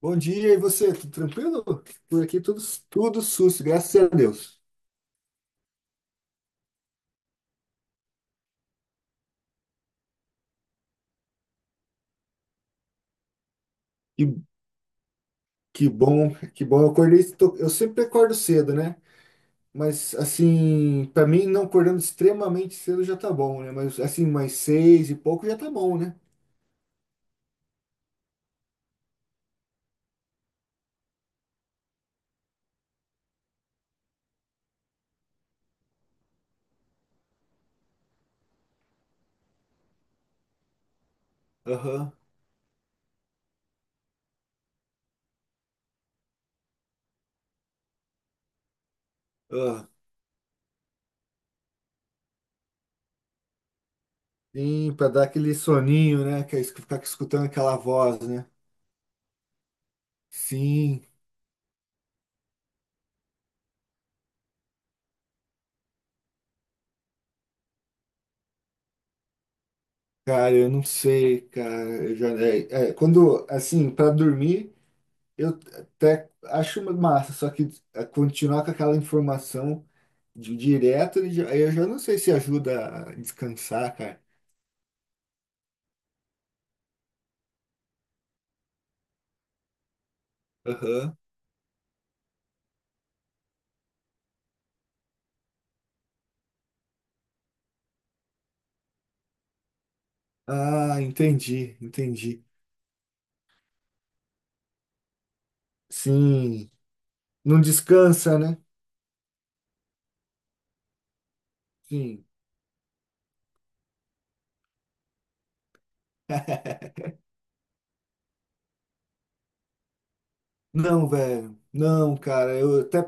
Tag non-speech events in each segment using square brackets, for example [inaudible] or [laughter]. Bom dia, e você? Tudo tranquilo? Por aqui tudo sus, graças a Deus. Que, que bom, que bom. Eu acordei, eu sempre acordo cedo, né? Mas assim, pra mim não acordando extremamente cedo já tá bom, né? Mas assim, mais seis e pouco já tá bom, né? Aham. Ah. Sim, pra dar aquele soninho, né? Que é ficar escutando aquela voz, né? Sim, cara, eu não sei, cara. Eu já, quando, assim, pra dormir. Eu até acho uma massa, só que continuar com aquela informação de direto, aí eu já não sei se ajuda a descansar, cara. Aham. Ah, entendi, entendi. Sim, não descansa, né? Sim. Não, velho. Não, cara, eu até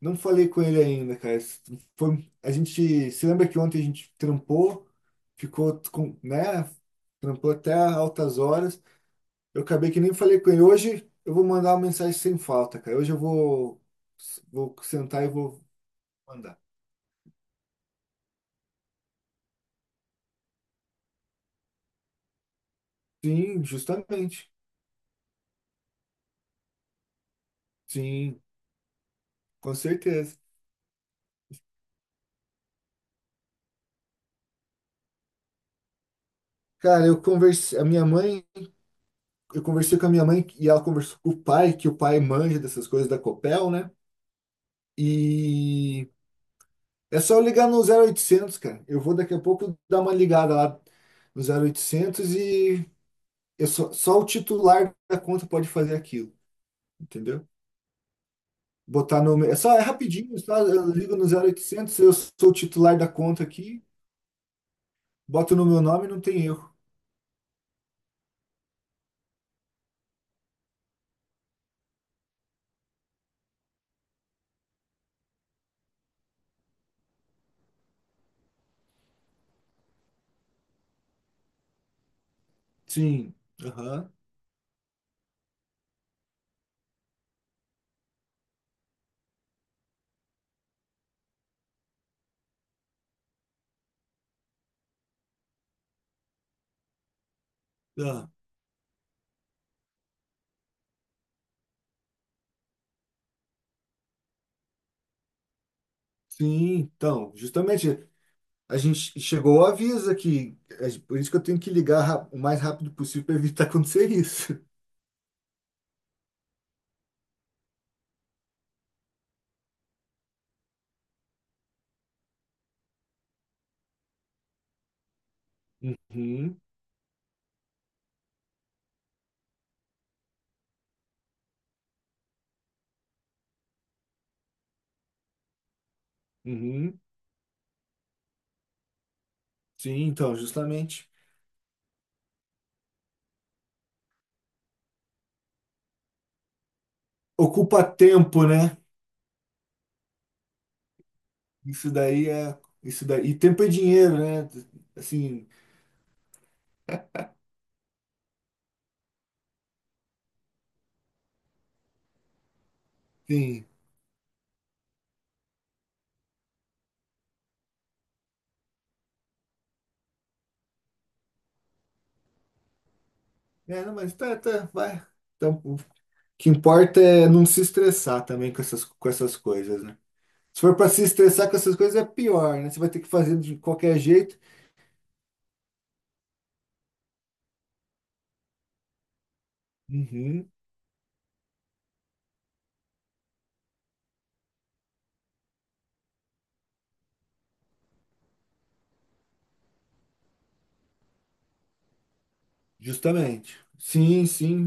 não falei com ele ainda, cara. Foi, a gente, se lembra que ontem a gente trampou, ficou com, né? Trampou até altas horas. Eu acabei que nem falei com ele. Hoje eu vou mandar uma mensagem sem falta, cara. Hoje eu vou, sentar e vou mandar. Sim, justamente. Sim, com certeza. Cara, eu conversei com a minha mãe e ela conversou com o pai, que o pai manja dessas coisas da Copel, né? E é só eu ligar no zero oitocentos, cara. Eu vou daqui a pouco dar uma ligada lá no zero oitocentos e eu só o titular da conta pode fazer aquilo, entendeu? Botar no. É só, é rapidinho, só eu ligo no zero oitocentos, eu sou o titular da conta aqui, boto no meu nome, não tem erro. Sim. Aham. Ah, sim, então, justamente, a gente chegou ao aviso aqui, é por isso que eu tenho que ligar o mais rápido possível para evitar [laughs] acontecer isso. Uhum, uhum. Sim, então, justamente. Ocupa tempo, né? Isso daí é. Isso daí. E tempo é dinheiro, né? Assim, sim. É, não, mas tá, tá, vai. Então, que importa é não se estressar também com essas coisas, né? Se for para se estressar com essas coisas, é pior, né? Você vai ter que fazer de qualquer jeito. Uhum, justamente. Sim, sim.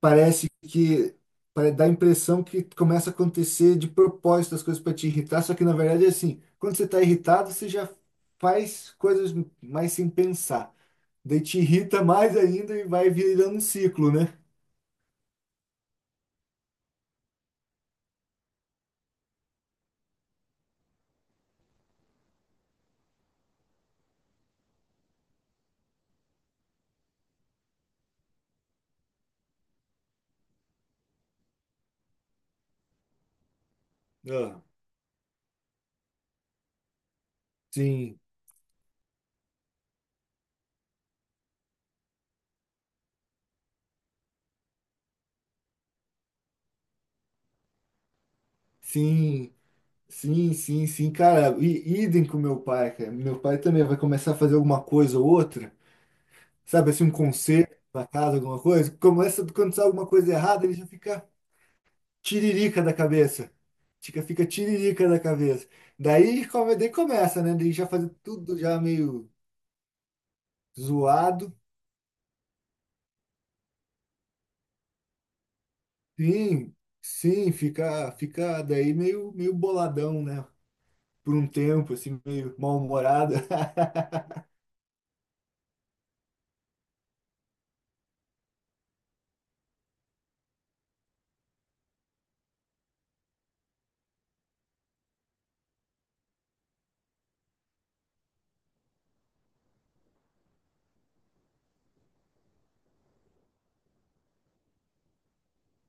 Parece que dá a impressão que começa a acontecer de propósito as coisas para te irritar, só que na verdade é assim, quando você está irritado, você já faz coisas mais sem pensar. Daí te irrita mais ainda e vai virando um ciclo, né? Ah, sim, sim. Sim, sim, sim, cara, e idem com meu pai, cara. Meu pai também vai começar a fazer alguma coisa ou outra, sabe, assim, um concerto pra casa, alguma coisa. Começa quando sai alguma coisa errada, ele já fica tiririca da cabeça. Fica, fica tiririca da cabeça. Daí, daí começa, né? Daí já fazer tudo já meio zoado. Sim, sim, fica daí meio boladão, né? Por um tempo, assim, meio mal-humorado. [laughs]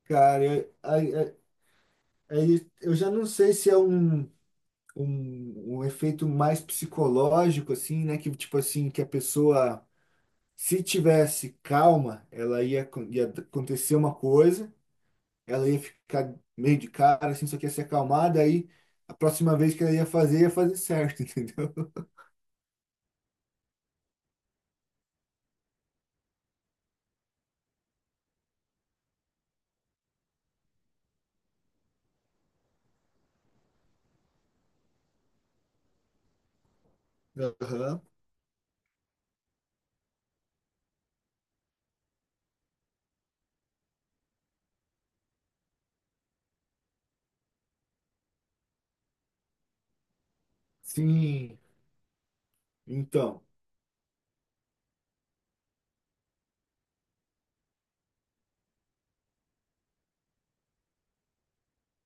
Cara, eu, aí eu já não sei se é um. Um efeito mais psicológico, assim, né? Que tipo assim, que a pessoa, se tivesse calma, ela ia, ia acontecer uma coisa, ela ia ficar meio de cara, assim, só que ia se acalmar, daí a próxima vez que ela ia fazer certo, [laughs] entendeu? Aham. Sim, então,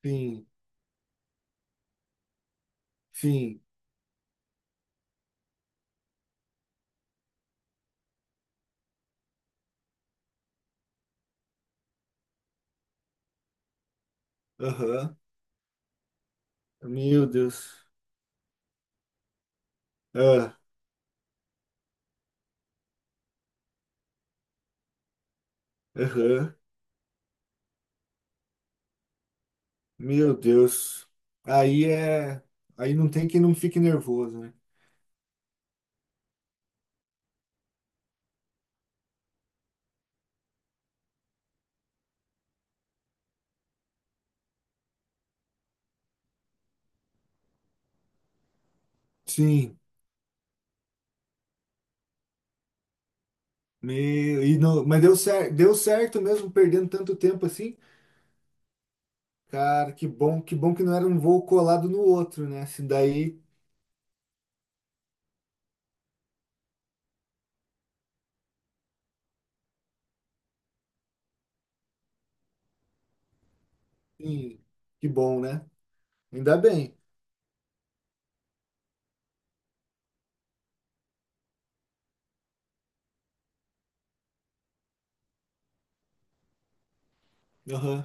sim, sim, aham. Meu Deus. Ah, aham. Meu Deus. Aí é. Aí não tem quem não fique nervoso, né? Sim. Meu, e não, mas deu certo mesmo perdendo tanto tempo assim. Cara, que bom, que bom que não era um voo colado no outro, né? Se daí, sim, que bom, né? Ainda bem. Aham,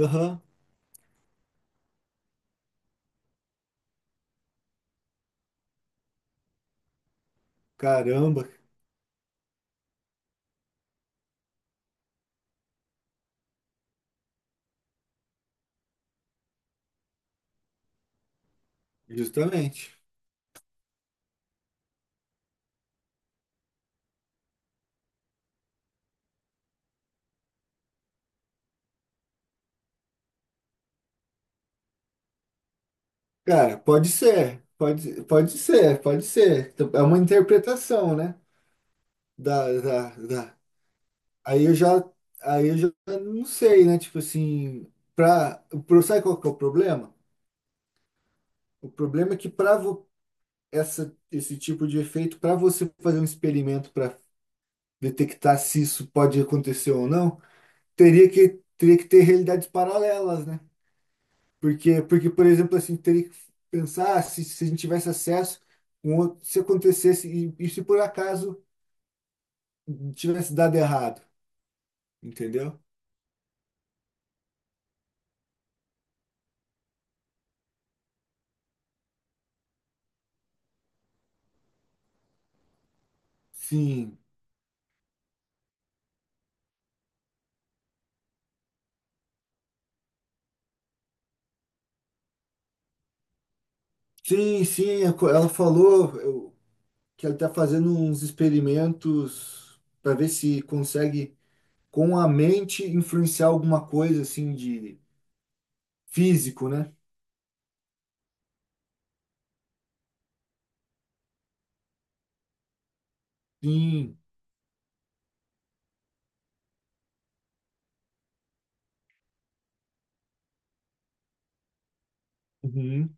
aham. Caramba, justamente. Cara, pode ser, pode ser, pode ser. É uma interpretação, né? Da, da, da. Aí eu já, aí eu já não sei, né? Tipo assim, sabe qual que é o problema? O problema é que para esse tipo de efeito para você fazer um experimento para detectar se isso pode acontecer ou não, teria que ter realidades paralelas, né? Por exemplo, assim, teria que pensar se a gente tivesse acesso, se acontecesse e se por acaso tivesse dado errado, entendeu? Sim, sim, sim, que ela está fazendo uns experimentos para ver se consegue com a mente influenciar alguma coisa assim de físico, né? Sim. Uhum.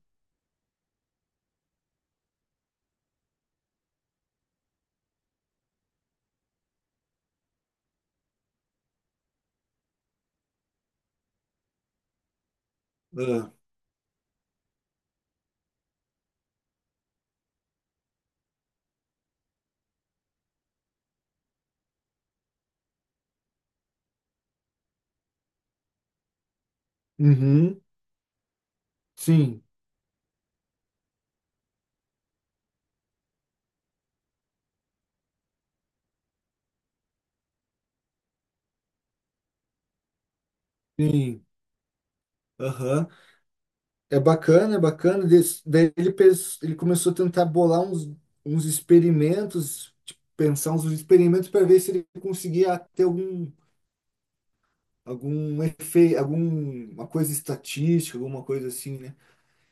Ah. Uhum. Sim. Sim. Aham. É bacana, é bacana. Daí ele começou a tentar bolar uns experimentos, tipo, pensar uns experimentos para ver se ele conseguia ter algum efeito, alguma coisa estatística, alguma coisa assim, né?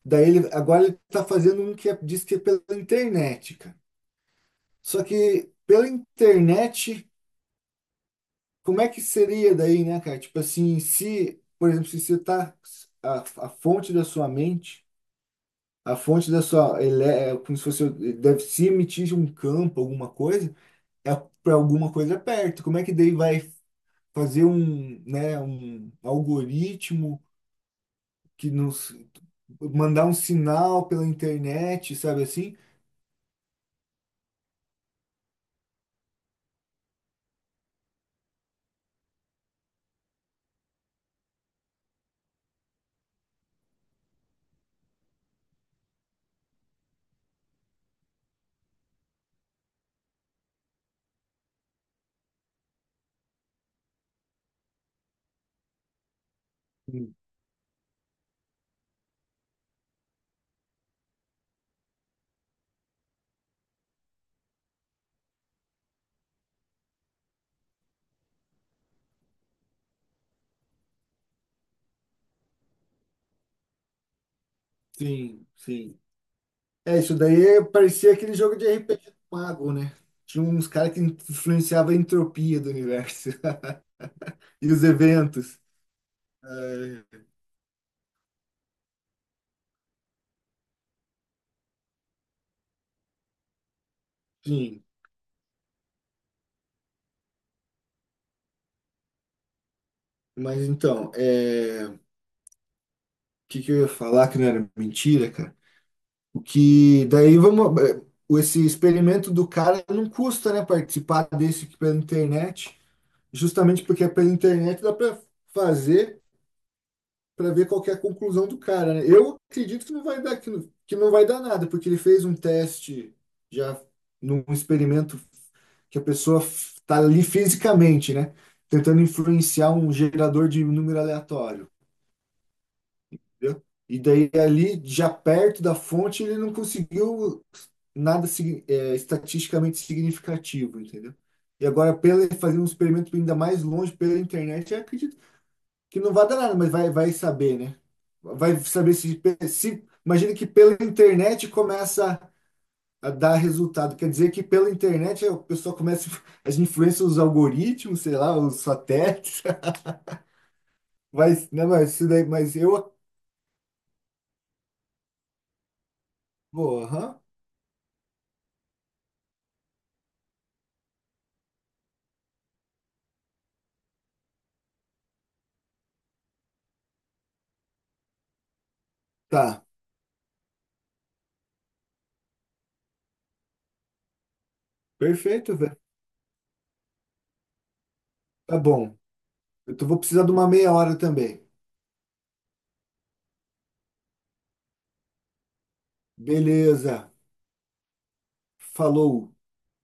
Daí ele, agora ele está fazendo um diz que é pela internet, cara. Só que pela internet como é que seria daí, né, cara? Tipo assim, se, por exemplo, se você tá a fonte da sua mente, a fonte da sua, ele é como se fosse, deve se emitir um campo, alguma coisa, é para alguma coisa perto. Como é que daí vai fazer um, né, um algoritmo que nos mandar um sinal pela internet, sabe assim? Sim, sim. É, isso daí é, parecia aquele jogo de RPG do mago, né? Tinha uns caras que influenciavam a entropia do universo [laughs] e os eventos. É, sim, mas então, o que que eu ia falar que não era mentira, cara? O que daí vamos. Esse experimento do cara não custa, né? Participar desse aqui pela internet, justamente porque é pela internet dá para fazer, para ver qual que é a conclusão do cara, né? Eu acredito que não vai dar, que não vai dar nada, porque ele fez um teste já num experimento que a pessoa está ali fisicamente, né? Tentando influenciar um gerador de número aleatório, entendeu? E daí ali, já perto da fonte, ele não conseguiu nada estatisticamente significativo, entendeu? E agora, pela fazer um experimento ainda mais longe pela internet, eu acredito que não vai dar nada, mas vai saber, né? Vai saber se, se. Imagina que pela internet começa a dar resultado. Quer dizer que pela internet o pessoal começa. As influências, os algoritmos, sei lá, os satélites. [laughs] Mas né, mas, isso daí, mas eu. Pô, aham. Tá. Perfeito, velho. Tá bom. Eu vou precisar de uma meia hora também. Beleza. Falou.